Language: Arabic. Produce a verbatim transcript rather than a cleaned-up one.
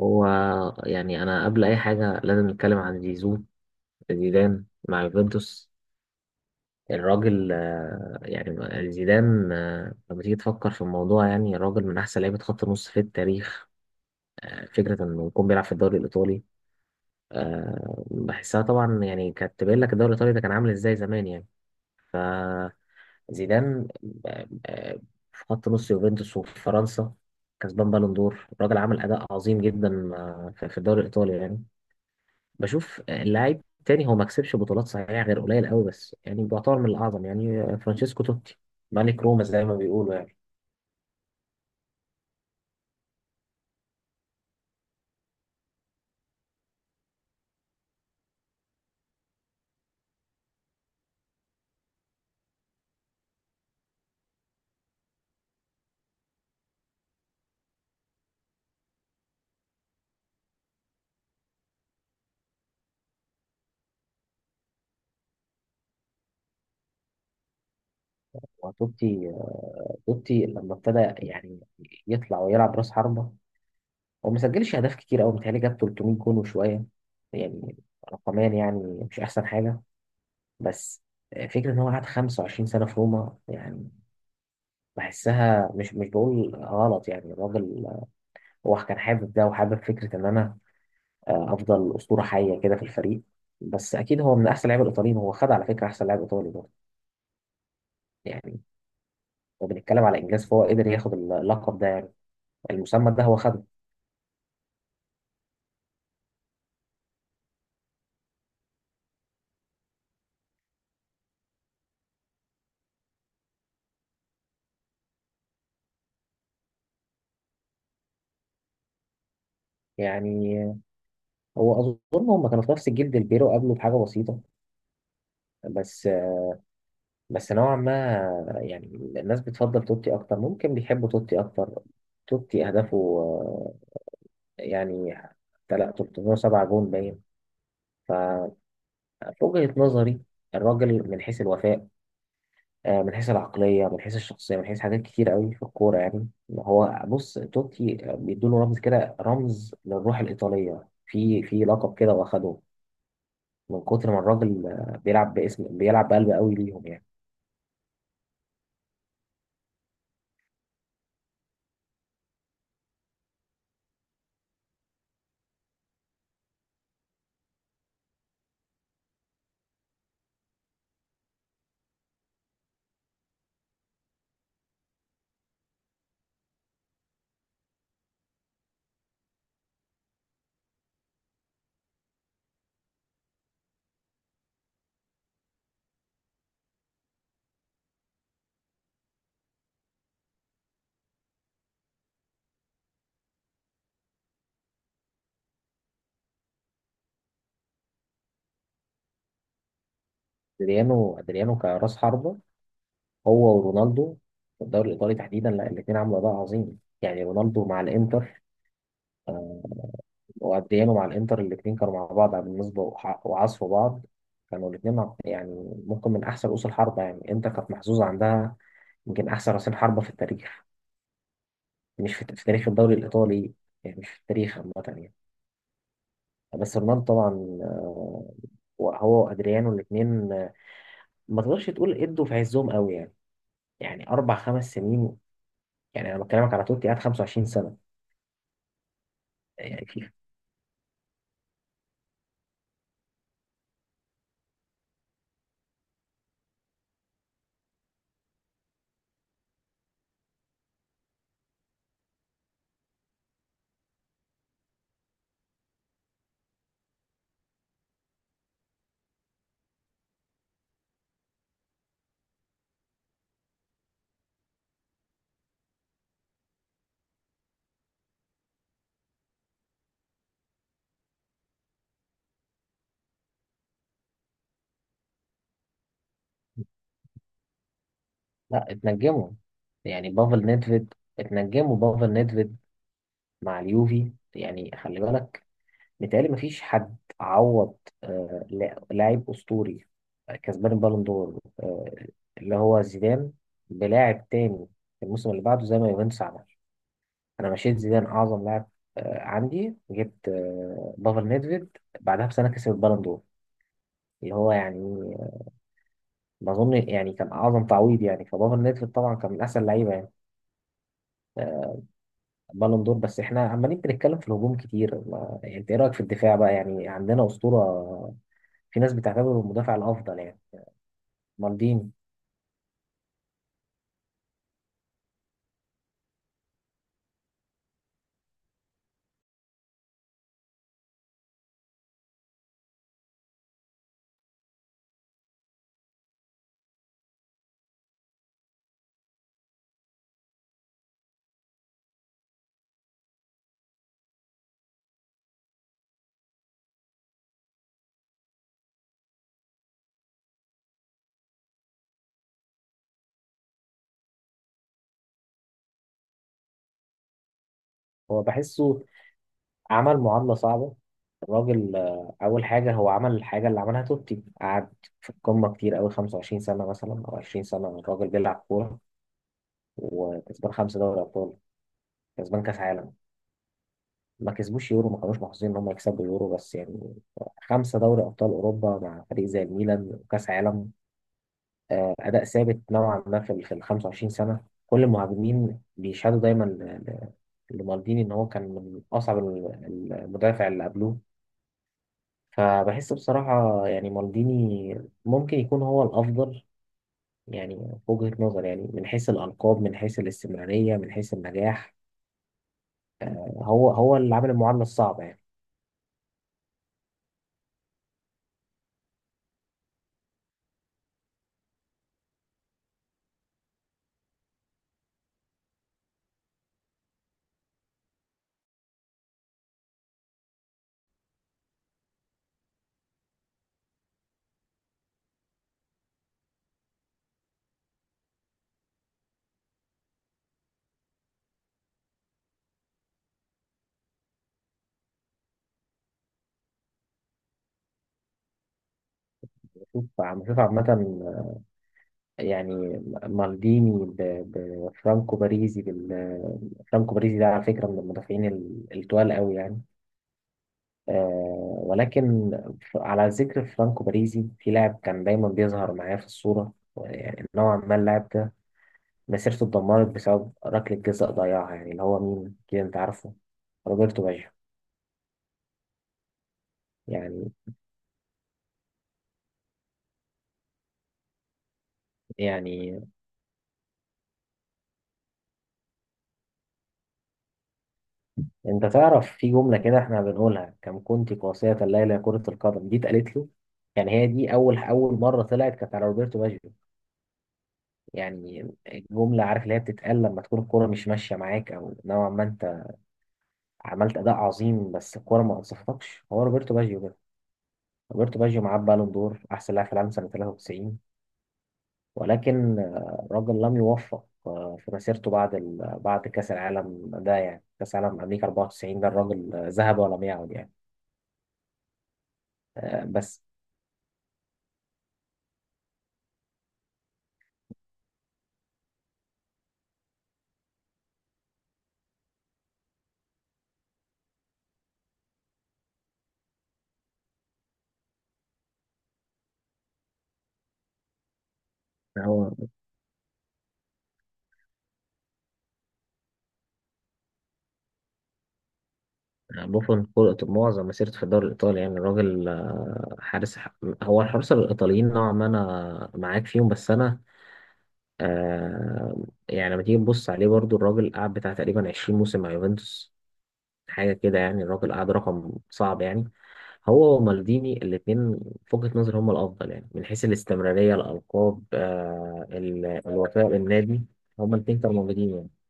هو. يعني أنا قبل أي حاجة لازم نتكلم عن زيزو. زيدان مع يوفنتوس. الراجل آه، يعني زيدان آه، لما تيجي تفكر في الموضوع، يعني الراجل من أحسن لعيبة خط النص في التاريخ. آه، فكرة إنه يكون بيلعب في الدوري الإيطالي، آه، بحسها طبعا. يعني كانت تبين لك الدوري الإيطالي ده كان عامل إزاي زمان يعني. فزيدان آه، آه، في خط نص يوفنتوس وفي فرنسا، كسبان بالون دور. الراجل عمل أداء عظيم جدا آه، في في الدوري الإيطالي يعني. بشوف اللاعب تاني، هو ما كسبش بطولات صحيح غير قليل قوي، بس يعني بيعتبر من الاعظم. يعني فرانشيسكو توتي، ملك روما زي ما بيقولوا يعني. وتوتي توتي لما ابتدى، يعني يطلع ويلعب راس حربة، هو ما سجلش اهداف كتير قوي، متهيألي جاب تلتمية جون وشويه. يعني رقميا يعني مش احسن حاجه، بس فكرة إن هو قعد خمسة وعشرين سنة في روما، يعني بحسها مش مش بقول غلط يعني. الراجل هو كان حابب ده، وحابب فكرة إن أنا آه، افضل اسطوره حيه كده في الفريق. بس اكيد هو من احسن لعيبه الايطاليين. هو خد على فكره احسن لاعب ايطالي برضه. يعني هو بنتكلم على انجاز، فهو قدر ياخد اللقب ده يعني. المسمى ده هو خده. يعني هو اظن هم كانوا في نفس الجيل، ديل بيرو قبله بحاجه بسيطه، بس بس نوعا ما يعني الناس بتفضل توتي اكتر، ممكن بيحبوا توتي اكتر. توتي اهدافه آه، يعني تلا- تلتمية وسبعة جون باين. في وجهة نظري الراجل من حيث الوفاء، آه، من حيث العقلية، من حيث الشخصية، من حيث حاجات كتير قوي في الكورة يعني. هو بص، توتي بيدوله رمز كده، رمز للروح الإيطالية في في لقب كده واخده، من كتر ما الراجل آه، بيلعب باسم، بيلعب بقلب قوي ليهم يعني. ادريانو ادريانو كراس حربة، هو ورونالدو في الدوري الإيطالي تحديدا، لا الاتنين عملوا أداء عظيم. يعني رونالدو مع الإنتر وقديانو مع الانتر، الاثنين كانوا مع بعض على بالنسبه وح- وعصفوا بعض. كانوا الاثنين مع- يعني ممكن من احسن رؤوس الحربه. يعني انتر كانت محظوظه عندها يمكن احسن رأسين حربة في التاريخ، مش في, في, تاريخ الدوري الايطالي يعني، مش في التاريخ عامة يعني. بس رونالدو طبعا، آه، هو وادريانو الاثنين ما تقدرش تقول، ادوا في عزهم قوي يعني يعني اربع خمس سنين. يعني انا بكلمك على توتي قعد خمسة وعشرين سنة يعني. في، لا اتنجموا. يعني بافل نيدفيد اتنجموا. بافل نيدفيد مع اليوفي يعني، خلي بالك، متهيألي مفيش حد عوض آه، لا- لاعب أسطوري آه، كسبان البالون دور آه، اللي هو زيدان، بلاعب تاني في الموسم اللي بعده زي ما يوفنتوس عمل. أنا مشيت زيدان أعظم لاعب آه، عندي، جبت آه، بافل نيدفيد بعدها بسنة كسب البالون دور، اللي هو يعني ما أظن يعني كان أعظم تعويض. يعني فبافل نيدفيد طبعا كان من أحسن اللعيبة يعني، بالون دور. بس احنا عمالين بنتكلم في الهجوم كتير ما... يعني انت ايه رايك في الدفاع بقى؟ يعني عندنا اسطوره، في ناس بتعتبره المدافع الافضل، يعني مالديني. هو بحسه عمل معادله صعبه. الراجل آه، اول حاجه، هو عمل الحاجه اللي عملها توتي، قعد في القمه كتير قوي، خمسة وعشرين سنه مثلا او عشرين سنه الراجل بيلعب كوره، وكسبان خمسه دوري ابطال، كسبان كاس عالم. ما كسبوش يورو، ما كانوش محظوظين ان هم يكسبوا يورو، بس يعني خمسه دوري ابطال اوروبا مع فريق زي الميلان، وكاس عالم. آه، اداء ثابت نوعا ما في ال في ال خمسة وعشرين سنه. كل المهاجمين بيشهدوا دايما ل- ل- لمالديني، ان هو كان من اصعب ال- المدافع اللي قبلوه. فبحس بصراحه يعني مالديني ممكن يكون هو الافضل. يعني في وجهه نظري يعني من حيث الالقاب، من حيث الاستمراريه، من حيث النجاح، هو هو اللي عامل المعادله الصعبه يعني. بشوف عم- بشوف عامه يعني، مالديني ب- بفرانكو باريزي، بال- فرانكو باريزي ده على فكره من المدافعين ال- التقال قوي يعني. آه، ولكن ف- على ذكر فرانكو باريزي، في لاعب كان دايما بيظهر معايا في الصورة، يعني نوعا ما، اللاعب ده مسيرته اتدمرت بسبب ركلة جزاء ضيعها، يعني اللي هو مين كده انت عارفه، روبرتو باجيو يعني يعني انت تعرف في جملة كده احنا بنقولها: كم كنت قاسية الليلة يا كرة القدم. دي اتقالت له يعني، هي دي اول اول مرة طلعت كانت على روبرتو باجيو. يعني الجملة، عارف، اللي هي بتتقال لما تكون الكرة مش ماشية معاك، او نوعا ما عملت اداء عظيم بس الكوره ما انصفتكش. هو روبرتو باجيو كده. روبرتو باجيو معاه بالون دور، احسن لاعب في العالم سنه ثلاثة وتسعين. ولكن آه، الراجل لم يوفق آه، في مسيرته، بعد ال... بعد كاس العالم ده، يعني كاس العالم امريكا اربعة وتسعين، ده الراجل آه، ذهب ولم يعد يعني. آه، بس هو بوفون كل معظم مسيرته في الدوري الإيطالي. يعني الراجل آه، حارس. هو الحراس الإيطاليين نوعا ما أنا معاك فيهم، بس أنا آه، يعني لما تيجي تبص عليه برضو، الراجل قعد بتاع تقريبا عشرين موسم مع يوفنتوس، حاجة كده. يعني الراجل قعد رقم صعب يعني. هو ومالديني الاتنين، في وجهة نظري هما الأفضل يعني، من حيث الاستمرارية، الألقاب، آه ال- الوفاء للنادي. هما الاتنين كانوا موجودين يعني.